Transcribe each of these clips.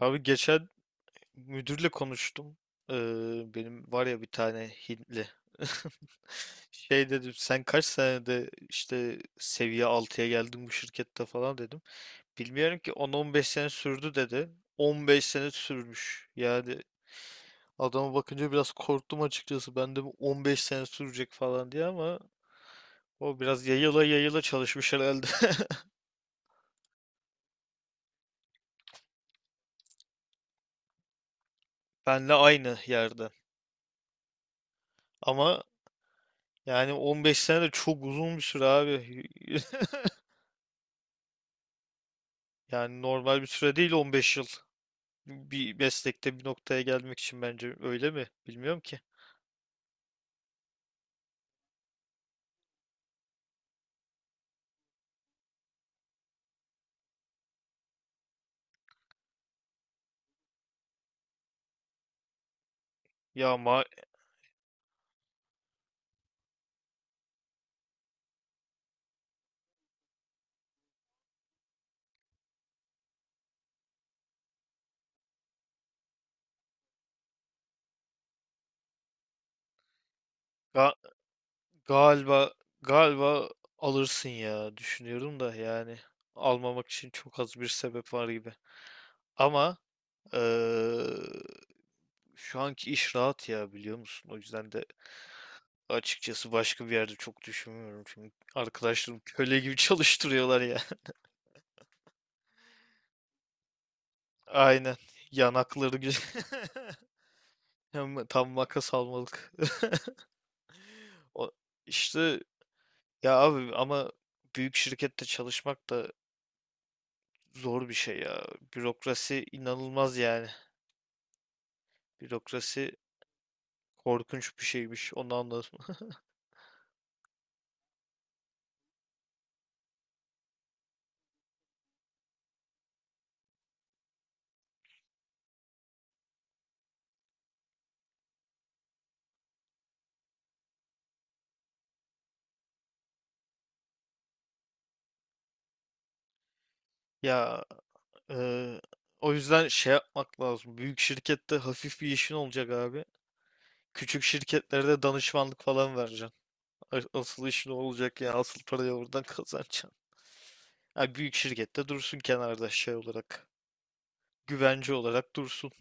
Abi geçen müdürle konuştum. Ee, Benim var ya bir tane Hintli. Şey dedim, sen kaç senede işte seviye altıya geldin bu şirkette falan dedim. Bilmiyorum ki, 10-15 sene sürdü dedi. 15 sene sürmüş. Yani adama bakınca biraz korktum açıkçası. Ben de bu 15 sene sürecek falan diye, ama o biraz yayıla yayıla çalışmış herhalde. Benle aynı yerde. Ama yani 15 sene de çok uzun bir süre abi. Yani normal bir süre değil 15 yıl. Bir meslekte bir noktaya gelmek için, bence öyle mi? Bilmiyorum ki. Ya ma ga- galiba galiba alırsın ya, düşünüyorum da, yani almamak için çok az bir sebep var gibi. Ama eee, şu anki iş rahat ya, biliyor musun? O yüzden de açıkçası başka bir yerde çok düşünmüyorum. Çünkü arkadaşlarım köle gibi çalıştırıyorlar ya. Aynen. Yanakları güzel. Hem tam vaka salmalık. O, işte, ya abi ama büyük şirkette çalışmak da zor bir şey ya. Bürokrasi inanılmaz yani. Bürokrasi korkunç bir şeymiş. Onu anladım. Ya e, o yüzden şey yapmak lazım. Büyük şirkette hafif bir işin olacak abi. Küçük şirketlerde danışmanlık falan vereceksin. A- Asıl işin o olacak ya. Asıl parayı oradan kazanacaksın. Ha, büyük şirkette dursun kenarda şey olarak. Güvence olarak dursun.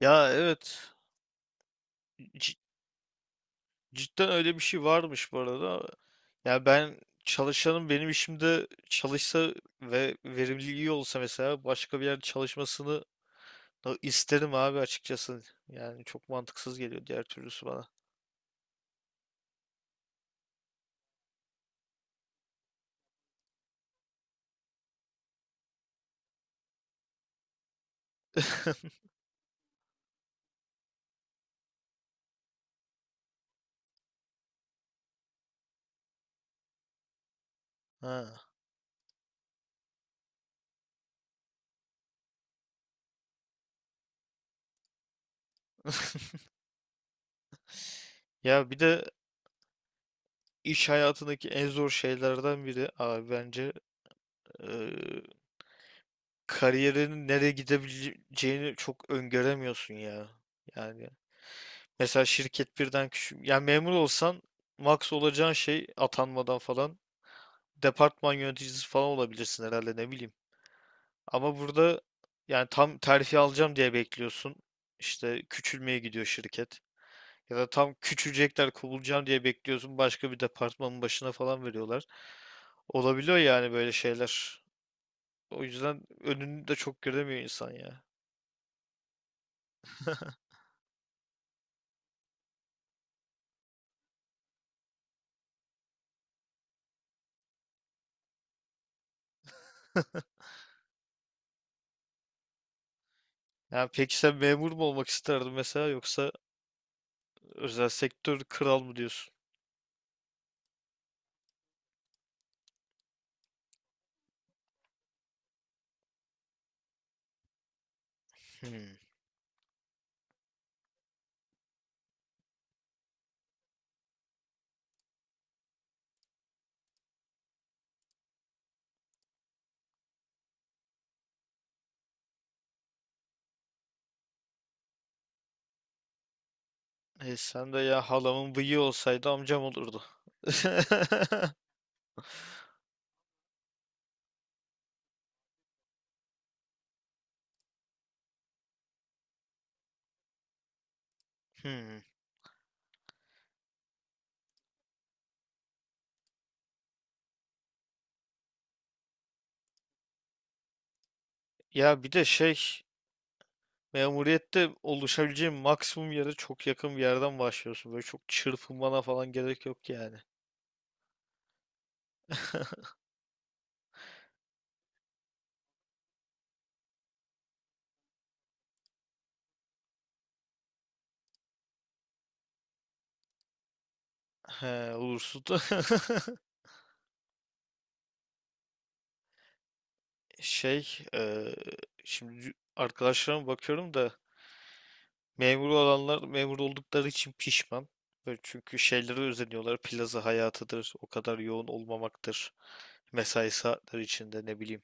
Ya evet. C- cidden öyle bir şey varmış bu arada. Ya ben çalışanım, benim işimde çalışsa ve verimliliği iyi olsa, mesela başka bir yerde çalışmasını da isterim abi açıkçası. Yani çok mantıksız geliyor diğer türlüsü bana. Ha. Ya bir de iş hayatındaki en zor şeylerden biri abi bence, eee kariyerinin nereye gidebileceğini çok öngöremiyorsun ya. Yani mesela şirket birden küçük. Yani memur olsan max olacağın şey, atanmadan falan, departman yöneticisi falan olabilirsin herhalde, ne bileyim. Ama burada yani tam terfi alacağım diye bekliyorsun. İşte küçülmeye gidiyor şirket. Ya da tam küçülecekler, kovulacağım diye bekliyorsun. Başka bir departmanın başına falan veriyorlar. Olabiliyor yani böyle şeyler. O yüzden önünü de çok göremiyor insan ya. Yani peki sen memur mu olmak isterdin mesela, yoksa özel sektör kral mı diyorsun? Hmm. E sen de, ya halamın bıyığı olsaydı amcam olurdu. Hmm. Ya bir de şey, memuriyette oluşabileceğin maksimum yere çok yakın bir yerden başlıyorsun. Böyle çok çırpınmana falan gerek yok yani. He, olursun da şey, şimdi arkadaşlarıma bakıyorum da, memur olanlar memur oldukları için pişman. Böyle, çünkü şeylere özeniyorlar. Plaza hayatıdır, o kadar yoğun olmamaktır. Mesai saatleri içinde, ne bileyim,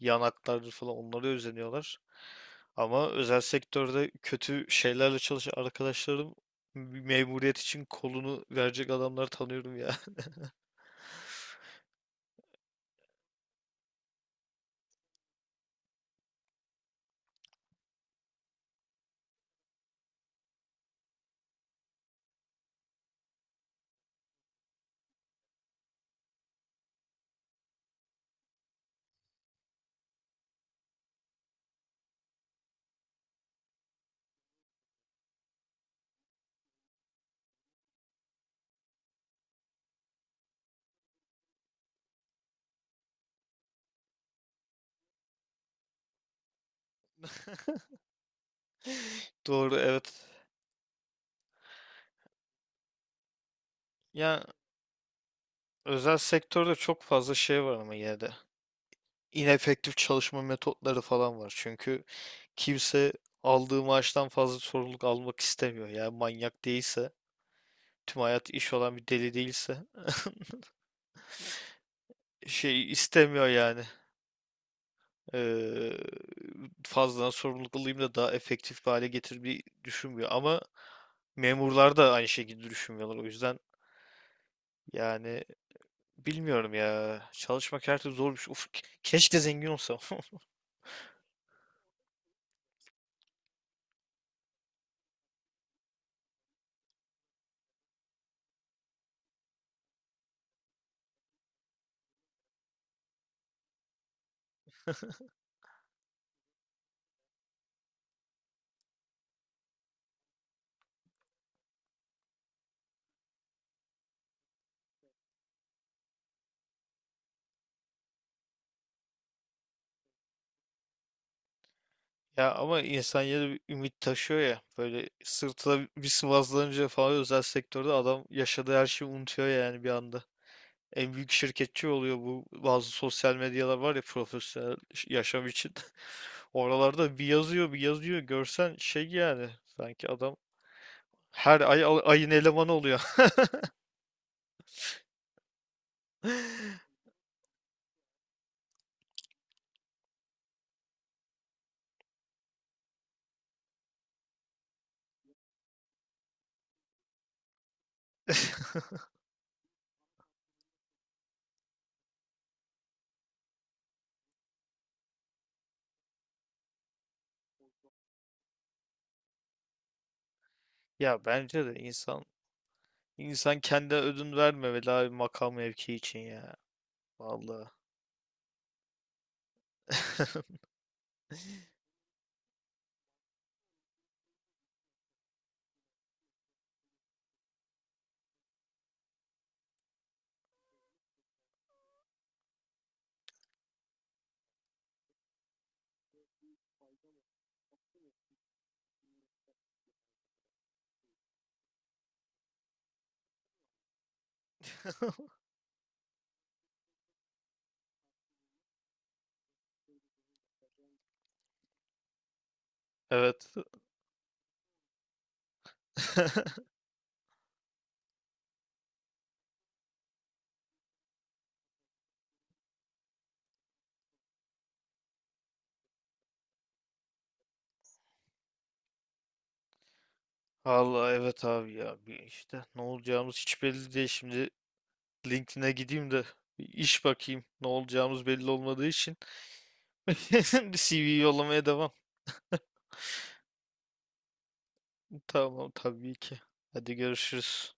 yanaklardır falan, onlara özeniyorlar. Ama özel sektörde kötü şeylerle çalışan arkadaşlarım, memuriyet için kolunu verecek adamları tanıyorum ya. Doğru, evet. Yani özel sektörde çok fazla şey var ama yine de. İnefektif çalışma metotları falan var. Çünkü kimse aldığı maaştan fazla sorumluluk almak istemiyor. Yani manyak değilse, tüm hayat iş olan bir deli değilse, şey istemiyor yani. eee Fazladan sorumluluk alayım da daha efektif bir hale getirmeyi düşünmüyor. Ama memurlar da aynı şekilde düşünmüyorlar. O yüzden yani bilmiyorum ya. Çalışmak her türlü zor bir şey. Uf, ke- keşke zengin olsam. Ya ama insan yine bir ümit taşıyor ya. Böyle sırtına bir sıvazlanınca falan, özel sektörde adam yaşadığı her şeyi unutuyor yani, bir anda. En büyük şirketçi oluyor. Bu bazı sosyal medyalar var ya, profesyonel ş- yaşam için. Oralarda bir yazıyor bir yazıyor, görsen şey yani, sanki adam her ay al- ayın elemanı oluyor. Ya bence de insan kendi ödün vermemeli abi, makam mevki için ya. Vallahi. Evet. Vallahi evet abi, ya bir işte ne olacağımız hiç belli değil. Şimdi LinkedIn'e gideyim de bir iş bakayım. Ne olacağımız belli olmadığı için bir CV yollamaya devam. Tamam, tabii ki. Hadi görüşürüz.